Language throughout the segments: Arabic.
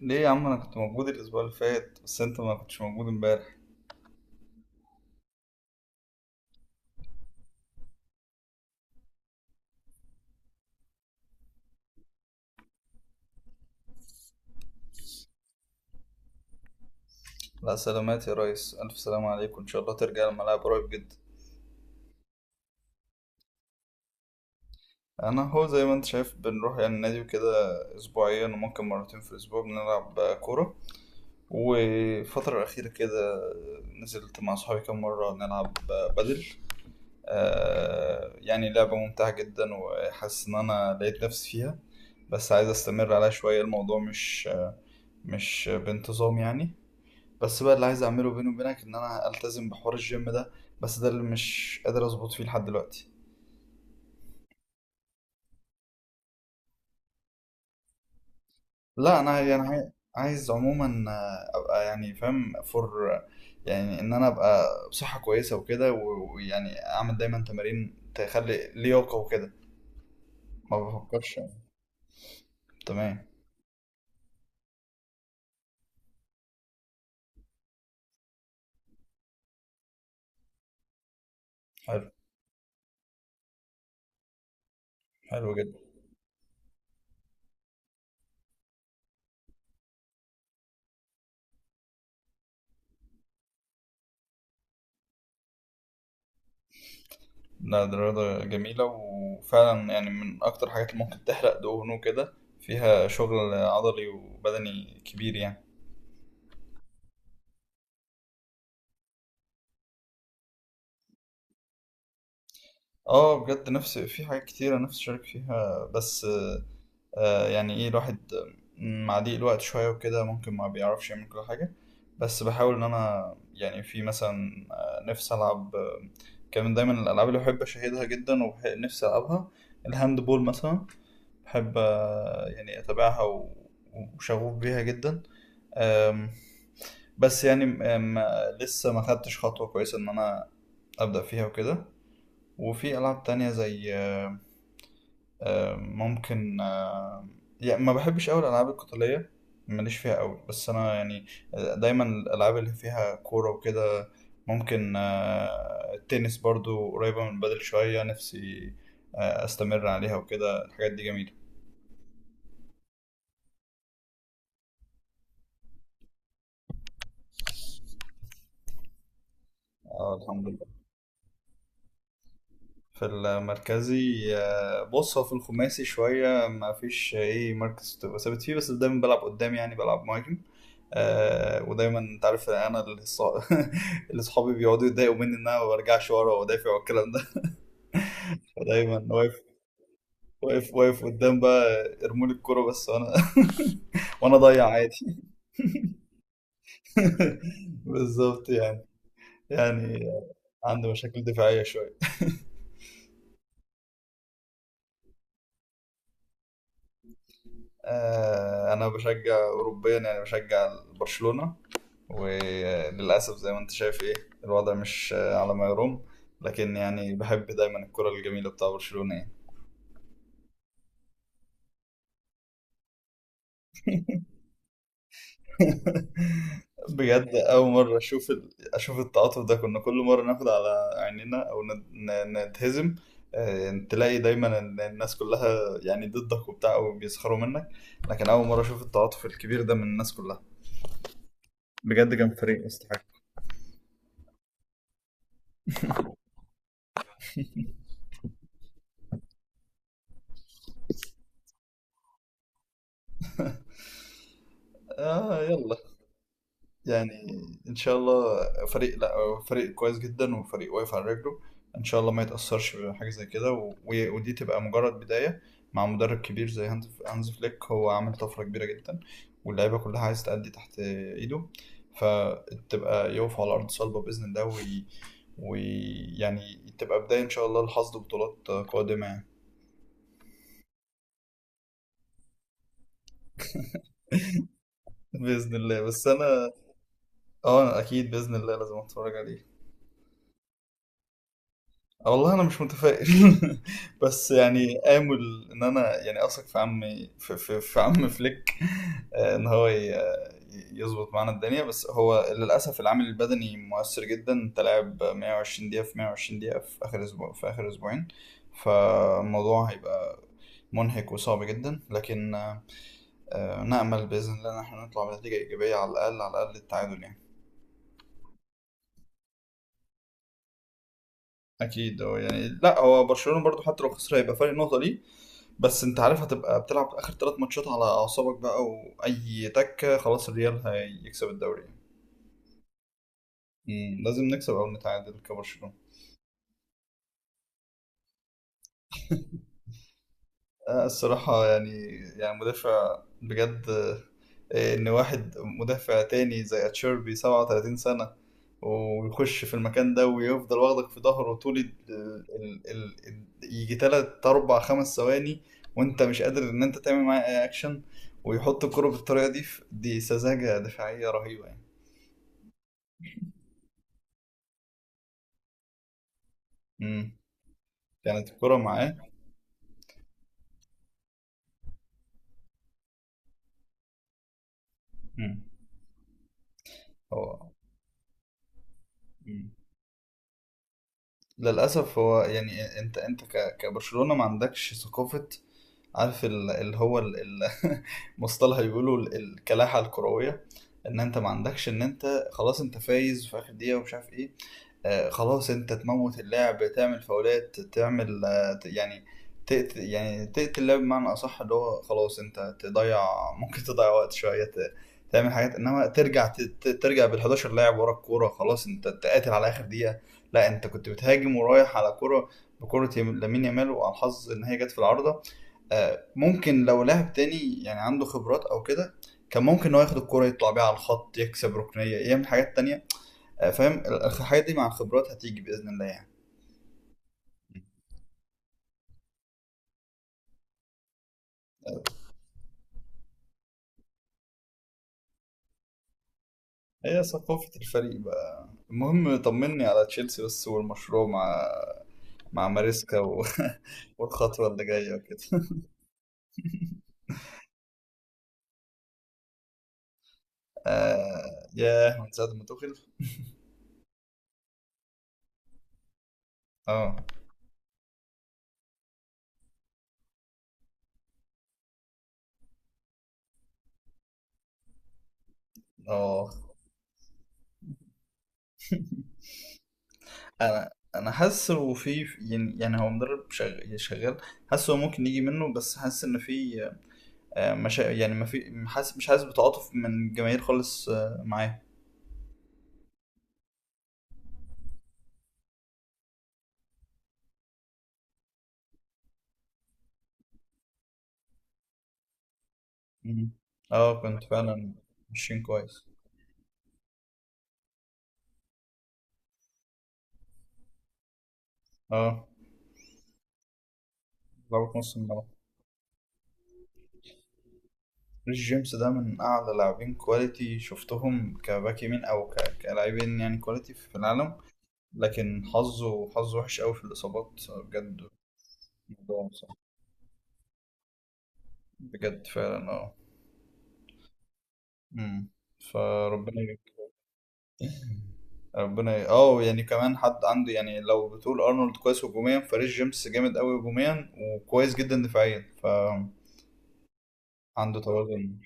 ليه يا عم، انا كنت موجود الاسبوع اللي فات، بس انت ما كنتش موجود امبارح. لا، سلامات يا ريس، الف سلام عليك، وان شاء الله ترجع الملعب قريب جدا. انا هو زي ما انت شايف بنروح يعني النادي وكده اسبوعيا، وممكن مرتين في الاسبوع بنلعب كوره. والفتره الاخيره كده نزلت مع صحابي كام مره نلعب بدل. يعني لعبه ممتعه جدا، وحاسس ان انا لقيت نفسي فيها. بس عايز استمر عليها شويه. الموضوع مش بانتظام يعني. بس بقى اللي عايز اعمله بيني وبينك ان انا التزم بحوار الجيم ده، بس ده اللي مش قادر اظبط فيه لحد دلوقتي. لا، انا يعني عايز عموما، ابقى يعني فاهم فور، يعني ان انا ابقى بصحة كويسة وكده، ويعني اعمل دايما تمارين تخلي لياقة وكده. ما بفكرش يعني. تمام. حلو. حلو جدا. لا، دي رياضة جميلة، وفعلا يعني من اكتر حاجات اللي ممكن تحرق دهون وكده، فيها شغل عضلي وبدني كبير يعني. اه بجد، نفس في حاجات كتيرة نفسي أشارك فيها، بس يعني ايه الواحد، مع ضيق الوقت شوية وكده ممكن ما بيعرفش يعمل كل حاجة. بس بحاول إن أنا يعني في مثلا نفسي ألعب. كان من دايما الألعاب اللي بحب أشاهدها جدا ونفسي ألعبها الهاند بول مثلا. بحب يعني أتابعها وشغوف بيها جدا. آم، بس يعني آم، لسه ما خدتش خطوة كويسة إن أنا أبدأ فيها وكده. وفي ألعاب تانية زي آه، ممكن آه، يعني ما بحبش قوي الالعاب القتاليه، ماليش فيها قوي. بس انا يعني دايما الالعاب اللي فيها كوره وكده. ممكن التنس برضو قريبه من بدل شويه، نفسي استمر عليها وكده. الحاجات دي جميله. اه الحمد لله. في المركزي، بص، هو في الخماسي شويه ما فيش ايه مركز تبقى ثابت فيه، بس دايما بلعب قدام يعني بلعب مهاجم. ودايما انت عارف، انا اللي صحابي بيقعدوا يتضايقوا مني ان انا ما برجعش ورا وادافع والكلام ده. فدايما واقف، واقف قدام. بقى ارمولي الكوره بس وانا وانا اضيع عادي. بالظبط يعني عنده مشاكل دفاعيه شويه. انا بشجع اوروبيا، يعني بشجع برشلونه. وللاسف زي ما انت شايف، ايه، الوضع مش على ما يرام، لكن يعني بحب دايما الكره الجميله بتاع برشلونه يعني. بجد، أول مرة أشوف أشوف التعاطف ده. كنا كل مرة ناخد على عيننا أو نتهزم، تلاقي دايما إن الناس كلها يعني ضدك وبتاع أو بيسخروا منك. لكن أول مرة أشوف التعاطف الكبير ده من الناس كلها. بجد كان فريق يستحق. يلا، يعني ان شاء الله. فريق، لا، هو فريق كويس جدا وفريق واقف على رجله. ان شاء الله ما يتاثرش بحاجه زي كده، ودي تبقى مجرد بدايه، مع مدرب كبير زي هانز فليك. هو عامل طفره كبيره جدا، واللعيبه كلها عايز تأدي تحت ايده. فتبقى يقف على ارض صلبه باذن الله ويعني تبقى بدايه ان شاء الله لحصد بطولات قادمه يعني. باذن الله. بس انا اه اكيد باذن الله لازم اتفرج عليه. والله أنا مش متفائل. بس يعني آمل إن أنا يعني أثق في عمي، في عم فليك، إن هو يظبط معانا الدنيا. بس هو للأسف العامل البدني مؤثر جدا. أنت لاعب 120 دقيقة في 120 دقيقة في آخر أسبوع في آخر أسبوعين، فالموضوع هيبقى منهك وصعب جدا، لكن نأمل بإذن الله إن احنا نطلع بنتيجة إيجابية، على الأقل على الأقل التعادل يعني. أكيد. هو يعني لا، هو برشلونة برضو حتى لو خسر هيبقى فرق نقطة ليه، بس انت عارف هتبقى بتلعب اخر ثلاث ماتشات على اعصابك بقى، واي تكه خلاص الريال هيكسب الدوري. لازم نكسب او نتعادل كبرشلونه. الصراحه يعني، يعني مدافع بجد، ان واحد مدافع تاني زي اتشيربي 37 سنه، ويخش في المكان ده ويفضل واخدك في ظهره طول يجي تلات اربع خمس ثواني وانت مش قادر ان انت تعمل معاه اي اكشن، ويحط الكرة بالطريقة دي. دي سذاجة دفاعية رهيبة يعني. مم. كانت الكرة معاه. مم. هو. مم. للأسف هو يعني، أنت، كبرشلونة ما عندكش ثقافة، عارف اللي هو مصطلح بيقولوا الكلاحة الكروية. إن أنت ما عندكش، إن أنت خلاص أنت فايز في آخر دقيقة ومش عارف إيه، خلاص انت تموت اللاعب، تعمل فاولات، تعمل يعني يعني تقتل اللاعب بمعنى اصح، اللي هو خلاص انت تضيع. ممكن تضيع وقت شويه، تعمل حاجات، انما ترجع، ترجع بال 11 لاعب ورا الكوره، خلاص انت تقاتل على اخر دقيقه. لا، انت كنت بتهاجم ورايح على كوره بكره، لامين يامال، وعلى الحظ ان هي جت في العارضه. ممكن لو لاعب تاني يعني عنده خبرات او كده كان ممكن ان هو ياخد الكوره يطلع بيها على الخط يكسب ركنيه يعمل حاجات تانية، فاهم. الحاجات دي مع الخبرات هتيجي باذن الله يعني. هي ثقافه الفريق بقى. المهم طمني على تشيلسي بس، والمشروع مع ماريسكا والخطوه اللي جايه وكده. ياه، من ساعه ما توخيل. اه اه. انا انا حاسس إنه في، يعني هو مدرب شغال. حاسس هو ممكن يجي منه، بس حاسس ان في يعني ما في، حاسس، مش حاسس بتعاطف من الجماهير خالص معاه. مم. اه كنت فعلا ماشيين كويس. اه، ضربة نص الملعب. ريس جيمس ده من أعلى لاعبين كواليتي شفتهم كباك يمين، أو كلاعبين يعني كواليتي في العالم، لكن حظه وحش أوي في الإصابات. بجد الموضوع صعب. بجد فعلا. اه. أمم. فربنا يبارك. ربنا ي... اه يعني كمان حد عنده، يعني لو بتقول أرنولد كويس هجوميا، فريس جيمس جامد أوي هجوميا وكويس جدا دفاعيا، فعنده توازن.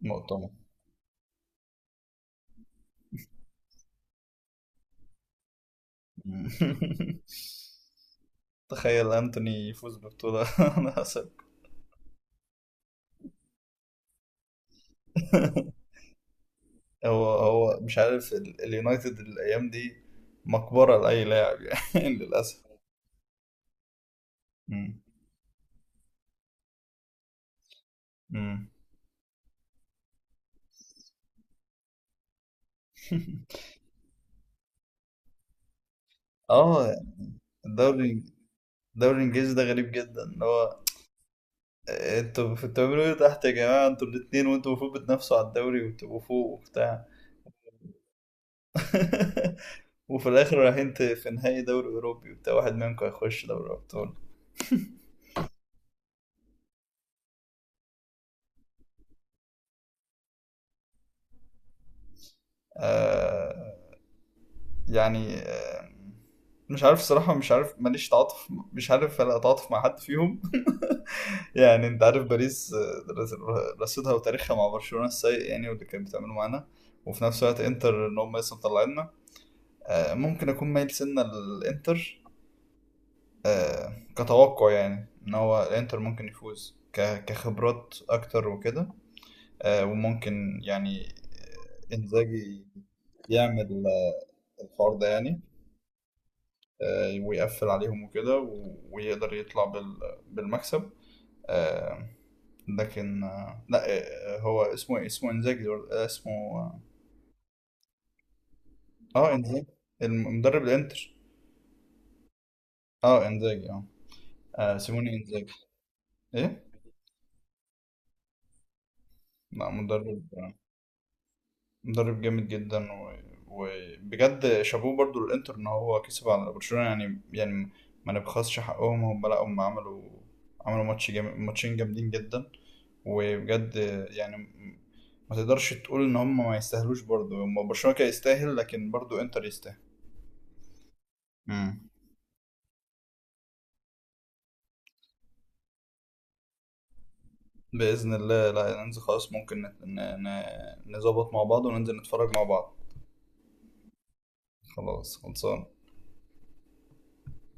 مؤتمر. أمم. تخيل أنتوني يفوز ببطولة. أنا. هو مش عارف، اليونايتد الايام دي مقبره لاي لاعب يعني، للاسف. مم. مم. اه. الدوري الدوري الانجليزي ده غريب جدا، اللي هو انتوا بتعملوا ايه تحت يا جماعه؟ انتوا الاتنين، وانتوا المفروض بتنافسوا على الدوري وتبقوا فوق وبتاع، وفي الاخر رايحين في نهائي دوري اوروبي وبتاع، واحد منكم هيخش دوري ابطال. آه يعني، مش عارف صراحة، مش عارف، ماليش تعاطف، مش عارف أنا أتعاطف مع حد فيهم. يعني أنت عارف باريس، رصيدها وتاريخها مع برشلونة السيء يعني، واللي كانت بتعمله معانا. وفي نفس الوقت إنتر إن هم لسه مطلعيننا. ممكن أكون مايل سنة للإنتر. كتوقع يعني إن هو الإنتر ممكن يفوز كخبرات أكتر وكده. وممكن يعني إنزاجي يعمل الحوار ده يعني، ويقفل عليهم وكده، ويقدر يطلع بالمكسب. آه، لكن لا، هو اسمه إيه؟ اسمه انزاجي اسمه، اه انزاجي، المدرب الانتر. اه انزاجي اه. سيموني انزاجي. ايه، لا، مدرب جامد جدا وبجد شابوه برضو للانتر ان هو كسب على برشلونة يعني ما نبخسش حقهم. هم، لا، هم عملوا ماتش جامد، ماتشين جامدين جدا، وبجد يعني ما تقدرش تقول ان هم ما يستاهلوش. برضو هم، برشلونة كان يستاهل، لكن برضو انتر يستاهل. مم. بإذن الله، لا ننزل خلاص، ممكن نظبط مع بعض وننزل نتفرج مع بعض. خلاص خلصان.